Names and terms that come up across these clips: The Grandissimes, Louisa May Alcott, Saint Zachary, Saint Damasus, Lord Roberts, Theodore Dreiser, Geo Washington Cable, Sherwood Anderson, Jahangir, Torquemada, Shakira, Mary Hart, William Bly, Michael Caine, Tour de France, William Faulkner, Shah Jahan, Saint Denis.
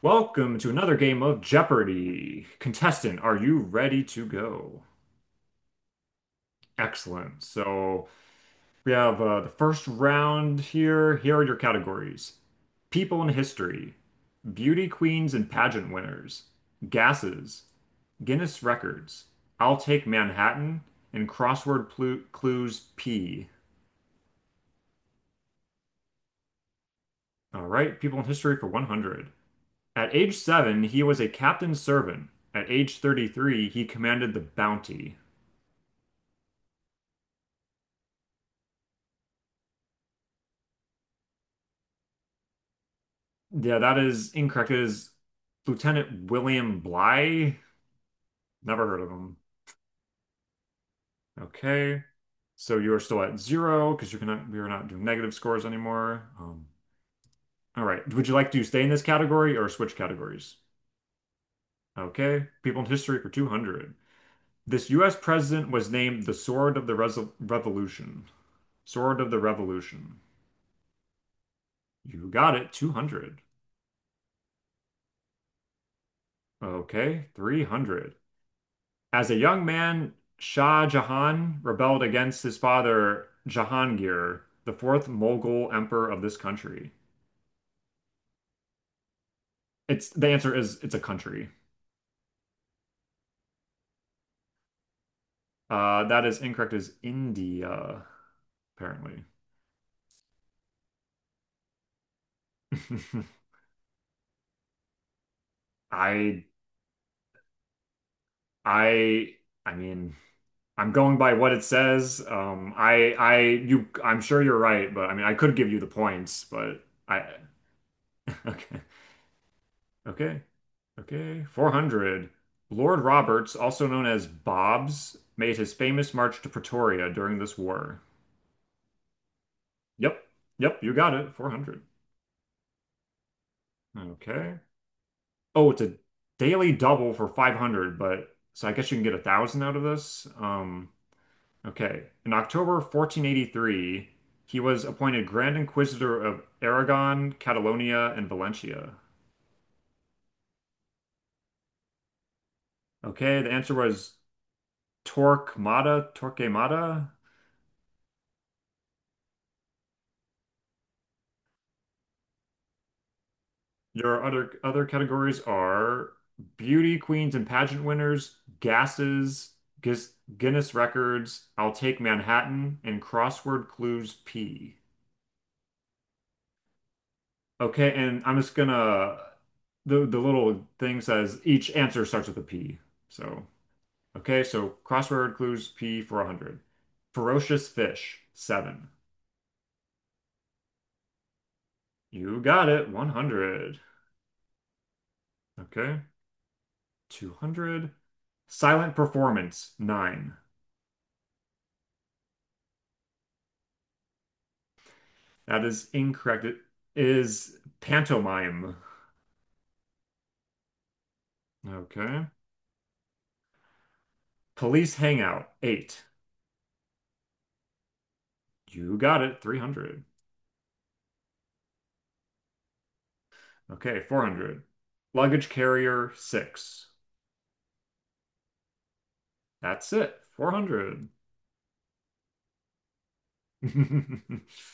Welcome to another game of Jeopardy! Contestant, are you ready to go? Excellent. So we have the first round here. Here are your categories: People in History, Beauty Queens and Pageant Winners, Gases, Guinness Records, I'll Take Manhattan, and Crossword Clues P. All right, People in History for 100. At age 7, he was a captain's servant. At age 33, he commanded the Bounty. Yeah, that is incorrect. It is Lieutenant William Bly. Never heard of him. Okay. So you are still at zero because you cannot we are not doing negative scores anymore. All right. Would you like to stay in this category or switch categories? Okay. People in history for 200. This US president was named the Sword of the Resol Revolution. Sword of the Revolution. You got it. 200. Okay. 300. As a young man, Shah Jahan rebelled against his father, Jahangir, the fourth Mughal emperor of this country. It's The answer is, it's a country. That is incorrect, is India, apparently. I I I mean, I'm going by what it says. I'm sure you're right, but I mean, I could give you the points, but I okay. Okay. Okay. 400. Lord Roberts, also known as Bobs, made his famous march to Pretoria during this war. Yep. Yep. You got it. 400. Okay. Oh, it's a daily double for 500, but so I guess you can get 1,000 out of this. Okay. In October 1483, he was appointed Grand Inquisitor of Aragon, Catalonia, and Valencia. Okay. The answer was Torquemada, Torquemada. Your other categories are beauty queens and pageant winners, gases, Guinness, Guinness records, I'll take Manhattan, and crossword clues P. Okay, and I'm just gonna the little thing says each answer starts with a P. So okay, so crossword clues P for 100. Ferocious fish, seven. You got it, 100. Okay, 200. Silent performance, nine. That is incorrect. It is pantomime. Okay. Police hangout, eight. You got it, 300. Okay, 400. Luggage carrier, six. That's it, 400.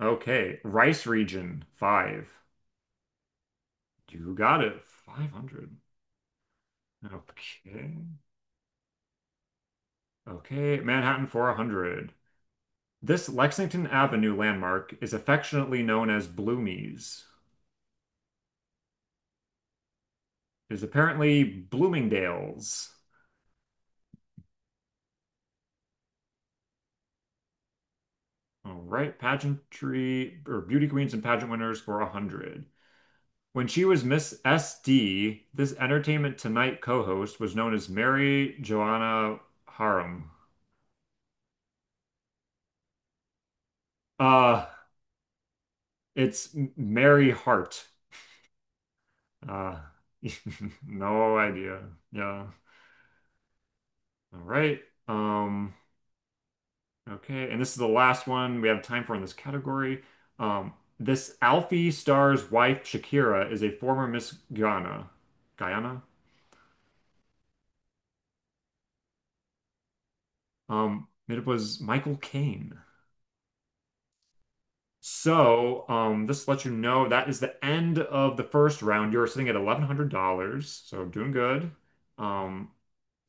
Okay, rice region, five. You got it, 500. Okay. Okay, Manhattan, 400. This Lexington Avenue landmark is affectionately known as Bloomies. It is apparently Bloomingdale's. All right, pageantry or beauty queens and pageant winners for 100. When she was Miss SD, this Entertainment Tonight co-host was known as Mary Joanna Harum. Uh, it's Mary Hart. Uh, no idea. Yeah. All right. Um, okay, and this is the last one we have time for in this category. Um, this Alfie star's wife, Shakira, is a former Miss Guyana. Guyana? It was Michael Caine. So, this lets you know that is the end of the first round. You're sitting at $1,100, so doing good. Um,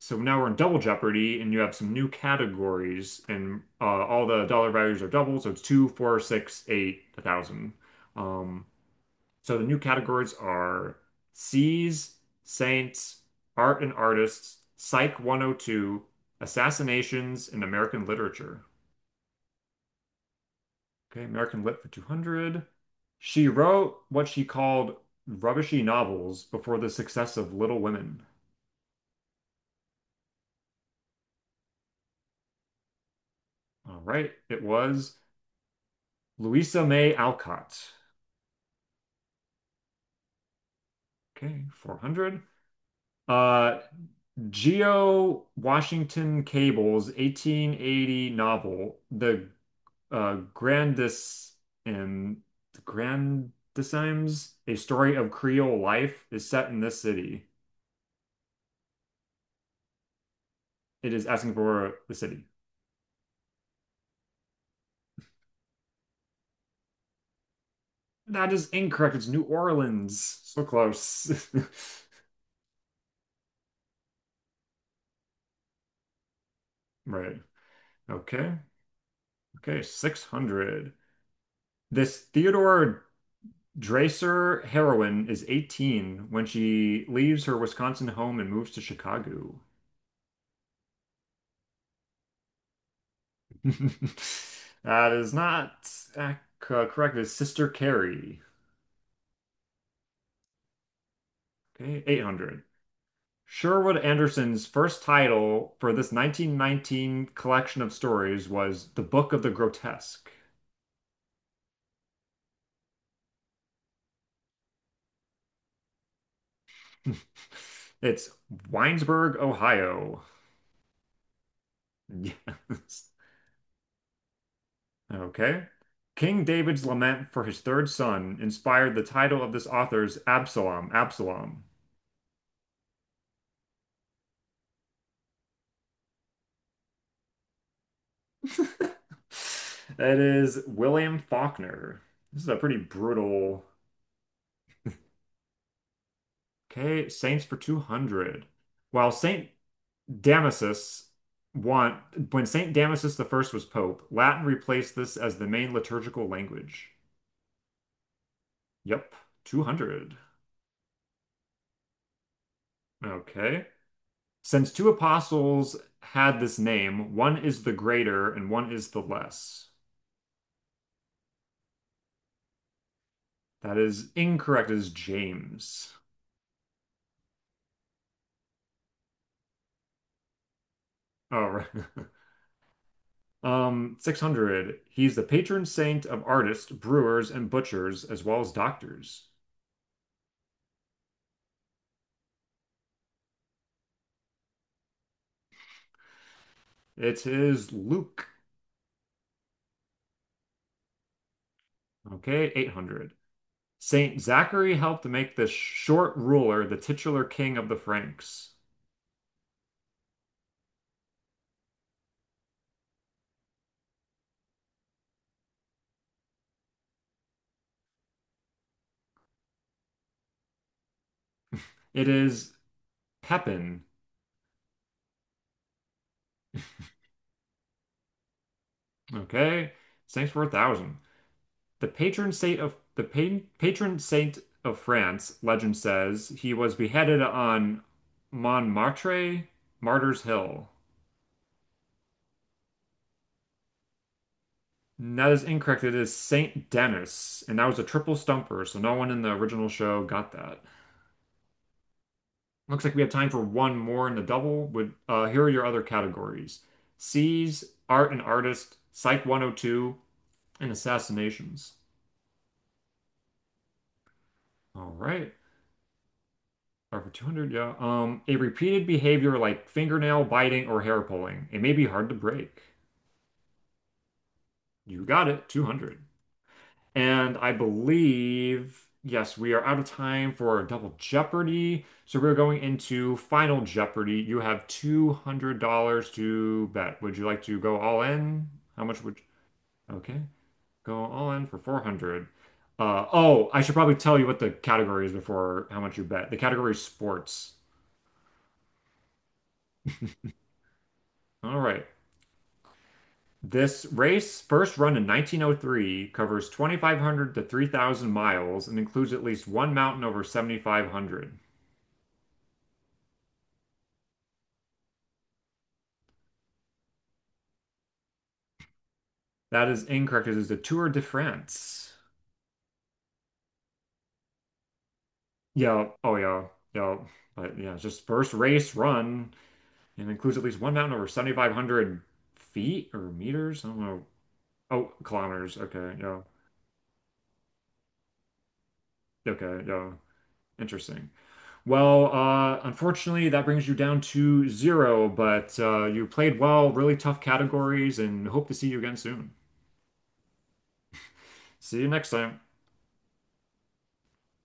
so now we're in Double Jeopardy, and you have some new categories, and all the dollar values are double, so it's two, four, six, eight, 1,000. Um, so the new categories are Seas, Saints, Art and Artists, Psych 102, Assassinations, and American Literature. Okay, American Lit for 200. She wrote what she called rubbishy novels before the success of Little Women. All right, it was Louisa May Alcott. Okay, 400. Uh, Geo Washington Cable's 1880 novel, uh, Grandis and the Grandissimes, A Story of Creole Life, is set in this city. It is asking for the city. That is incorrect. It's New Orleans. So close. Right. Okay. Okay. 600. This Theodore Dreiser heroine is 18 when she leaves her Wisconsin home and moves to Chicago. That is not ac- correct. It's Sister Carrie. Okay. 800. Sherwood Anderson's first title for this 1919 collection of stories was The Book of the Grotesque. It's Winesburg, Ohio. Yes. Okay. King David's lament for his third son inspired the title of this author's Absalom, Absalom. That is William Faulkner. This is a pretty brutal. Okay, Saints for 200. While Saint Damasus want When Saint Damasus the first was pope, Latin replaced this as the main liturgical language. Yep, 200. Okay. Since two apostles had this name, one is the greater and one is the less. That is incorrect. It is James. Oh, right. 600. He's the patron saint of artists, brewers, and butchers, as well as doctors. It is Luke. Okay, 800. Saint Zachary helped make the short ruler the titular king of the Franks. It is Pepin. Okay, thanks for 1,000. The patron saint of France, legend says, he was beheaded on Montmartre, Martyrs Hill. And That is incorrect. It is Saint Denis, and that was a triple stumper, so no one in the original show got that. Looks like we have time for one more in the double. Would Here are your other categories: C's, Art and Artist, Psych 102, and Assassinations. All right. Or for 200, yeah. A repeated behavior like fingernail biting or hair pulling. It may be hard to break. You got it, 200. And I believe, yes, we are out of time for Double Jeopardy. So we're going into Final Jeopardy. You have $200 to bet. Would you like to go all in? How much would you? Okay, go all in for 400. Oh, I should probably tell you what the category is before how much you bet. The category is sports. All right. This race, first run in 1903, covers 2,500 to 3,000 miles and includes at least one mountain over 7,500. That is incorrect. It is the Tour de France. Yeah. Oh, yeah. Yeah. But yeah, it's just first race run and includes at least one mountain over 7,500 feet or meters. I don't know. Oh, kilometers. Okay. Yeah. Okay. Yeah. Interesting. Well, unfortunately, that brings you down to zero, but you played well, really tough categories, and hope to see you again soon. See you next time.